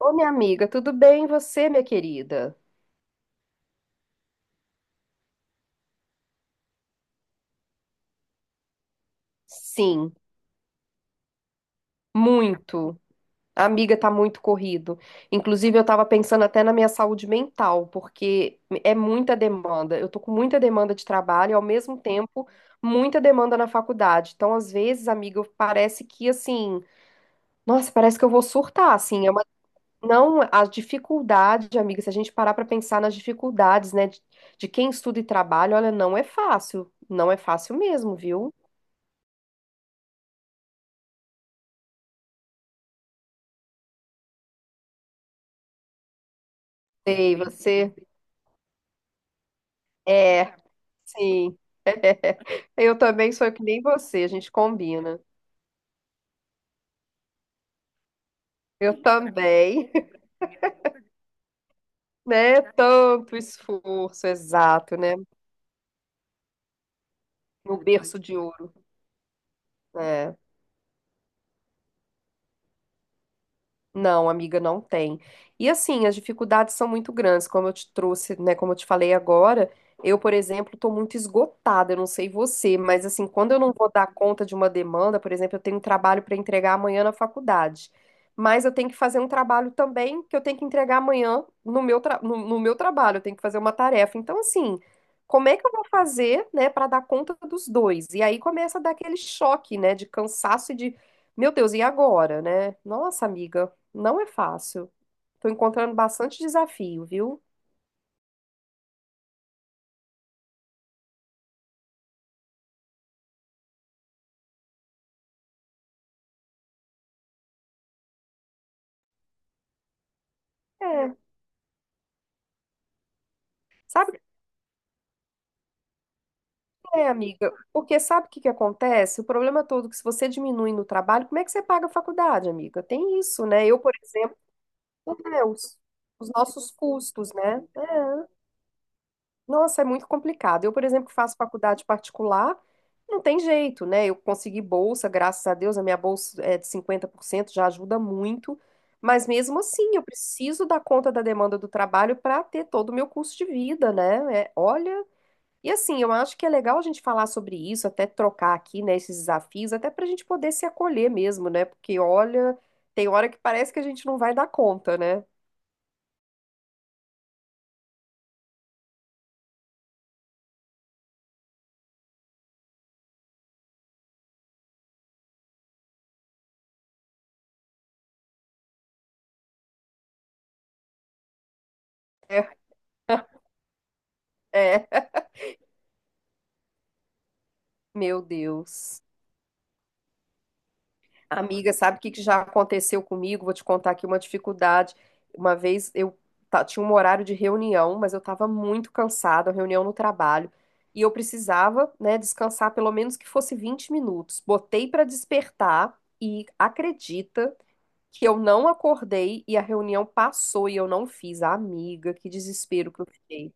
Ô, minha amiga, tudo bem e você, minha querida? Sim, muito. A amiga tá muito corrido. Inclusive, eu tava pensando até na minha saúde mental, porque é muita demanda. Eu tô com muita demanda de trabalho e, ao mesmo tempo, muita demanda na faculdade. Então, às vezes, amiga, parece que assim, nossa, parece que eu vou surtar, assim. Não, a dificuldade, amiga, se a gente parar pra pensar nas dificuldades, né, de quem estuda e trabalha, olha, não é fácil. Não é fácil mesmo, viu? Sei, você. É, sim. Eu também sou que nem você, a gente combina. Eu também, né? Tanto esforço, exato, né? No berço de ouro. É. Não, amiga, não tem. E assim, as dificuldades são muito grandes, como eu te trouxe, né? Como eu te falei agora, eu, por exemplo, estou muito esgotada, eu não sei você, mas assim, quando eu não vou dar conta de uma demanda, por exemplo, eu tenho um trabalho para entregar amanhã na faculdade, mas eu tenho que fazer um trabalho também que eu tenho que entregar amanhã no meu, no, no meu trabalho, eu tenho que fazer uma tarefa. Então, assim, como é que eu vou fazer, né, para dar conta dos dois? E aí começa a dar aquele choque, né, de cansaço e de, meu Deus, e agora, né? Nossa, amiga. Não é fácil. Tô encontrando bastante desafio, viu? É. Sabe o que é, amiga? Porque sabe o que que acontece? O problema todo é que se você diminui no trabalho, como é que você paga a faculdade, amiga? Tem isso, né? Eu, por exemplo, meu Deus, os nossos custos, né? Nossa, é muito complicado. Eu, por exemplo, que faço faculdade particular, não tem jeito, né? Eu consegui bolsa, graças a Deus, a minha bolsa é de 50%, já ajuda muito. Mas mesmo assim, eu preciso dar conta da demanda do trabalho para ter todo o meu custo de vida, né? É, olha, e assim, eu acho que é legal a gente falar sobre isso, até trocar aqui, né, esses desafios, até para a gente poder se acolher mesmo, né? Porque olha, tem hora que parece que a gente não vai dar conta, né? É, meu Deus. Amiga, sabe o que que já aconteceu comigo? Vou te contar aqui uma dificuldade. Uma vez eu tinha um horário de reunião, mas eu estava muito cansada, reunião no trabalho, e eu precisava, né, descansar pelo menos que fosse 20 minutos. Botei para despertar e acredita que eu não acordei e a reunião passou e eu não fiz. Amiga, que desespero que eu fiquei.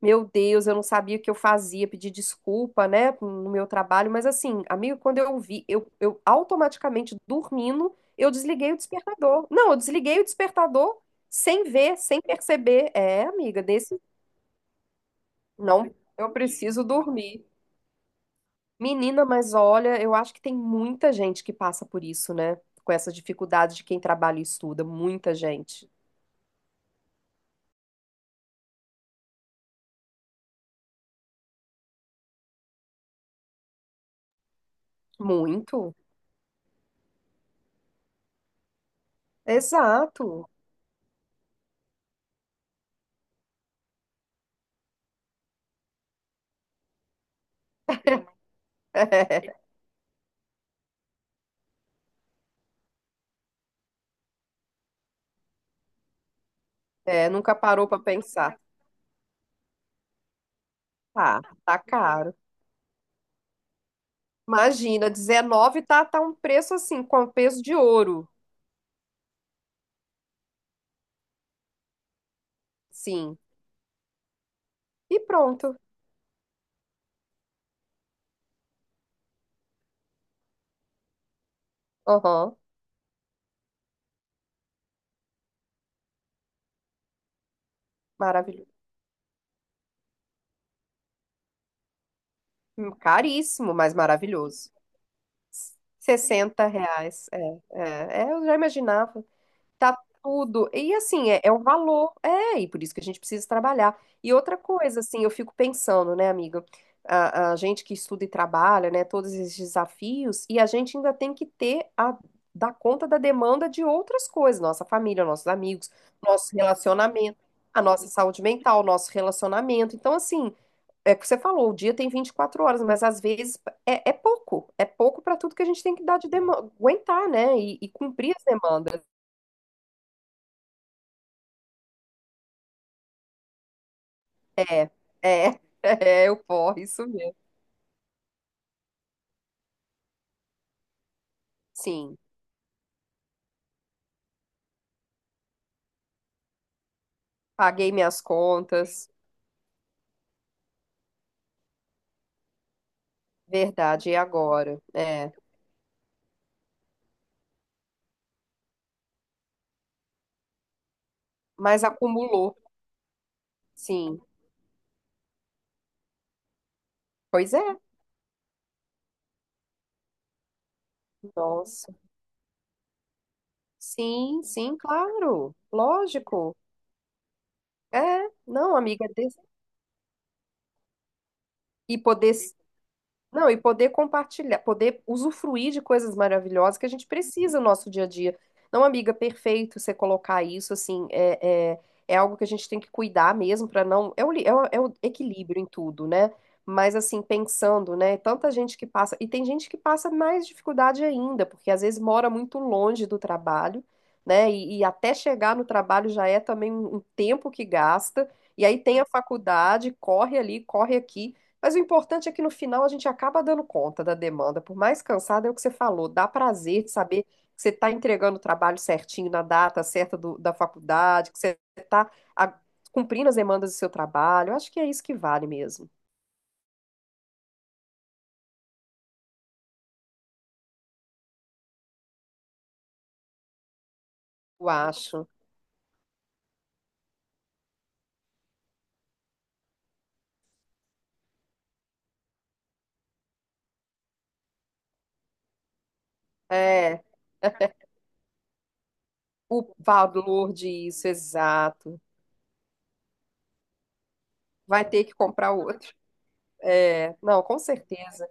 Meu Deus, eu não sabia o que eu fazia, pedi desculpa, né, no meu trabalho, mas assim, amigo, quando eu vi, eu automaticamente dormindo, eu desliguei o despertador. Não, eu desliguei o despertador sem ver, sem perceber. É, amiga, desse. Não, eu preciso dormir. Menina, mas olha, eu acho que tem muita gente que passa por isso, né? Com essa dificuldade de quem trabalha e estuda, muita gente. Muito. Exato. É, nunca parou para pensar. Tá, caro. Imagina, 19 tá, tá um preço assim, com peso de ouro. Sim. E pronto. Aham. Maravilhoso. Caríssimo, mas maravilhoso. 60 reais. É, eu já imaginava. Tá tudo. E assim, é o valor. É, e por isso que a gente precisa trabalhar. E outra coisa, assim, eu fico pensando, né, amiga? A gente que estuda e trabalha, né, todos esses desafios, e a gente ainda tem que ter a dar conta da demanda de outras coisas, nossa família, nossos amigos, nosso relacionamento, a nossa saúde mental, nosso relacionamento. Então, assim, é o que você falou, o dia tem 24 horas, mas às vezes é pouco, é pouco para tudo que a gente tem que dar de demanda, aguentar, né, e cumprir as demandas. É, é, é o porre, isso mesmo. Sim, paguei minhas contas, verdade, e agora? É, mas acumulou, sim. Pois é, nossa. Sim, sim, claro, lógico. É, não, amiga, é des- e poder. Não, e poder compartilhar, poder usufruir de coisas maravilhosas que a gente precisa no nosso dia a dia. Não, amiga, perfeito você colocar isso, assim, é algo que a gente tem que cuidar mesmo para não. É o, é o equilíbrio em tudo, né? Mas, assim, pensando, né? Tanta gente que passa. E tem gente que passa mais dificuldade ainda, porque às vezes mora muito longe do trabalho, né? E até chegar no trabalho já é também um um tempo que gasta. E aí tem a faculdade, corre ali, corre aqui. Mas o importante é que no final a gente acaba dando conta da demanda, por mais cansada é o que você falou, dá prazer de saber que você está entregando o trabalho certinho na data certa da faculdade, que você está cumprindo as demandas do seu trabalho. Eu acho que é isso que vale mesmo. Eu acho. É, o valor disso, exato. Vai ter que comprar outro. É, não, com certeza.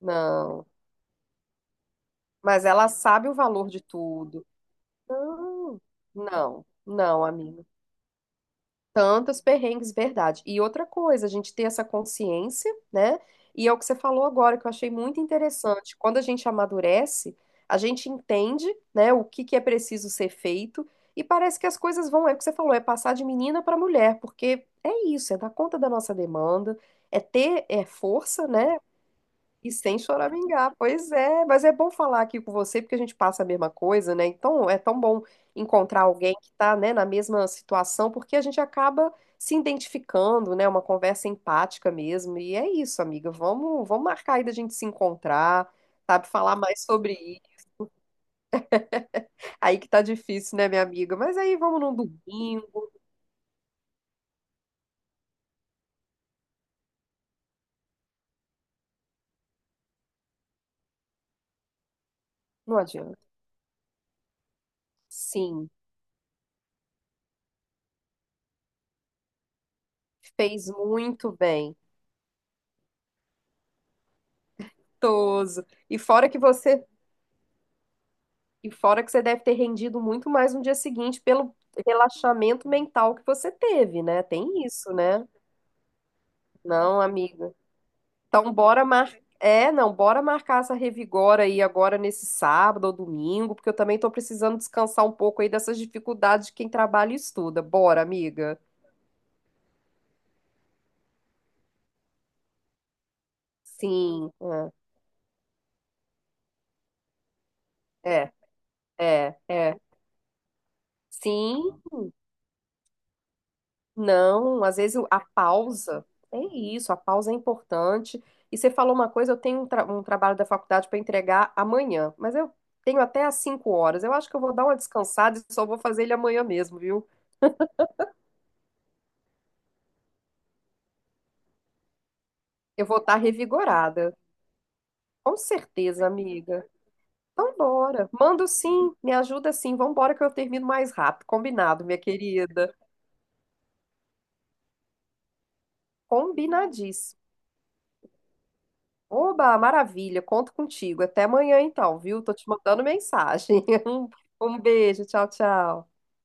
Não. Mas ela sabe o valor de tudo. Não, não, não, amiga. Tantos perrengues, verdade. E outra coisa, a gente ter essa consciência, né? E é o que você falou agora, que eu achei muito interessante. Quando a gente amadurece, a gente entende, né, o que que é preciso ser feito, e parece que as coisas vão, é o que você falou, é passar de menina para mulher, porque é isso, é dar conta da nossa demanda, é ter força, né? E sem choramingar, pois é, mas é bom falar aqui com você, porque a gente passa a mesma coisa, né? Então é tão bom encontrar alguém que tá, né, na mesma situação, porque a gente acaba se identificando, né? Uma conversa empática mesmo. E é isso, amiga. Vamos marcar aí da gente se encontrar, sabe? Falar mais sobre isso. Aí que tá difícil, né, minha amiga? Mas aí vamos num domingo, não adianta. Sim, fez muito bem. Toso. E fora que você deve ter rendido muito mais no dia seguinte pelo relaxamento mental que você teve, né? Tem isso, né? Não, amiga. Então, bora mar... É, não, bora marcar essa revigora aí agora nesse sábado ou domingo, porque eu também tô precisando descansar um pouco aí dessas dificuldades de quem trabalha e estuda. Bora, amiga. Sim. É, é. Sim, não, às vezes a pausa, é isso, a pausa é importante. E você falou uma coisa, eu tenho um trabalho da faculdade para entregar amanhã, mas eu tenho até às 5 horas. Eu acho que eu vou dar uma descansada e só vou fazer ele amanhã mesmo, viu? Eu vou estar revigorada. Com certeza, amiga. Então, bora. Mando sim, me ajuda sim. Vambora que eu termino mais rápido. Combinado, minha querida. Combinadíssimo. Oba, maravilha, conto contigo. Até amanhã então, viu? Tô te mandando mensagem. Um beijo, tchau, tchau.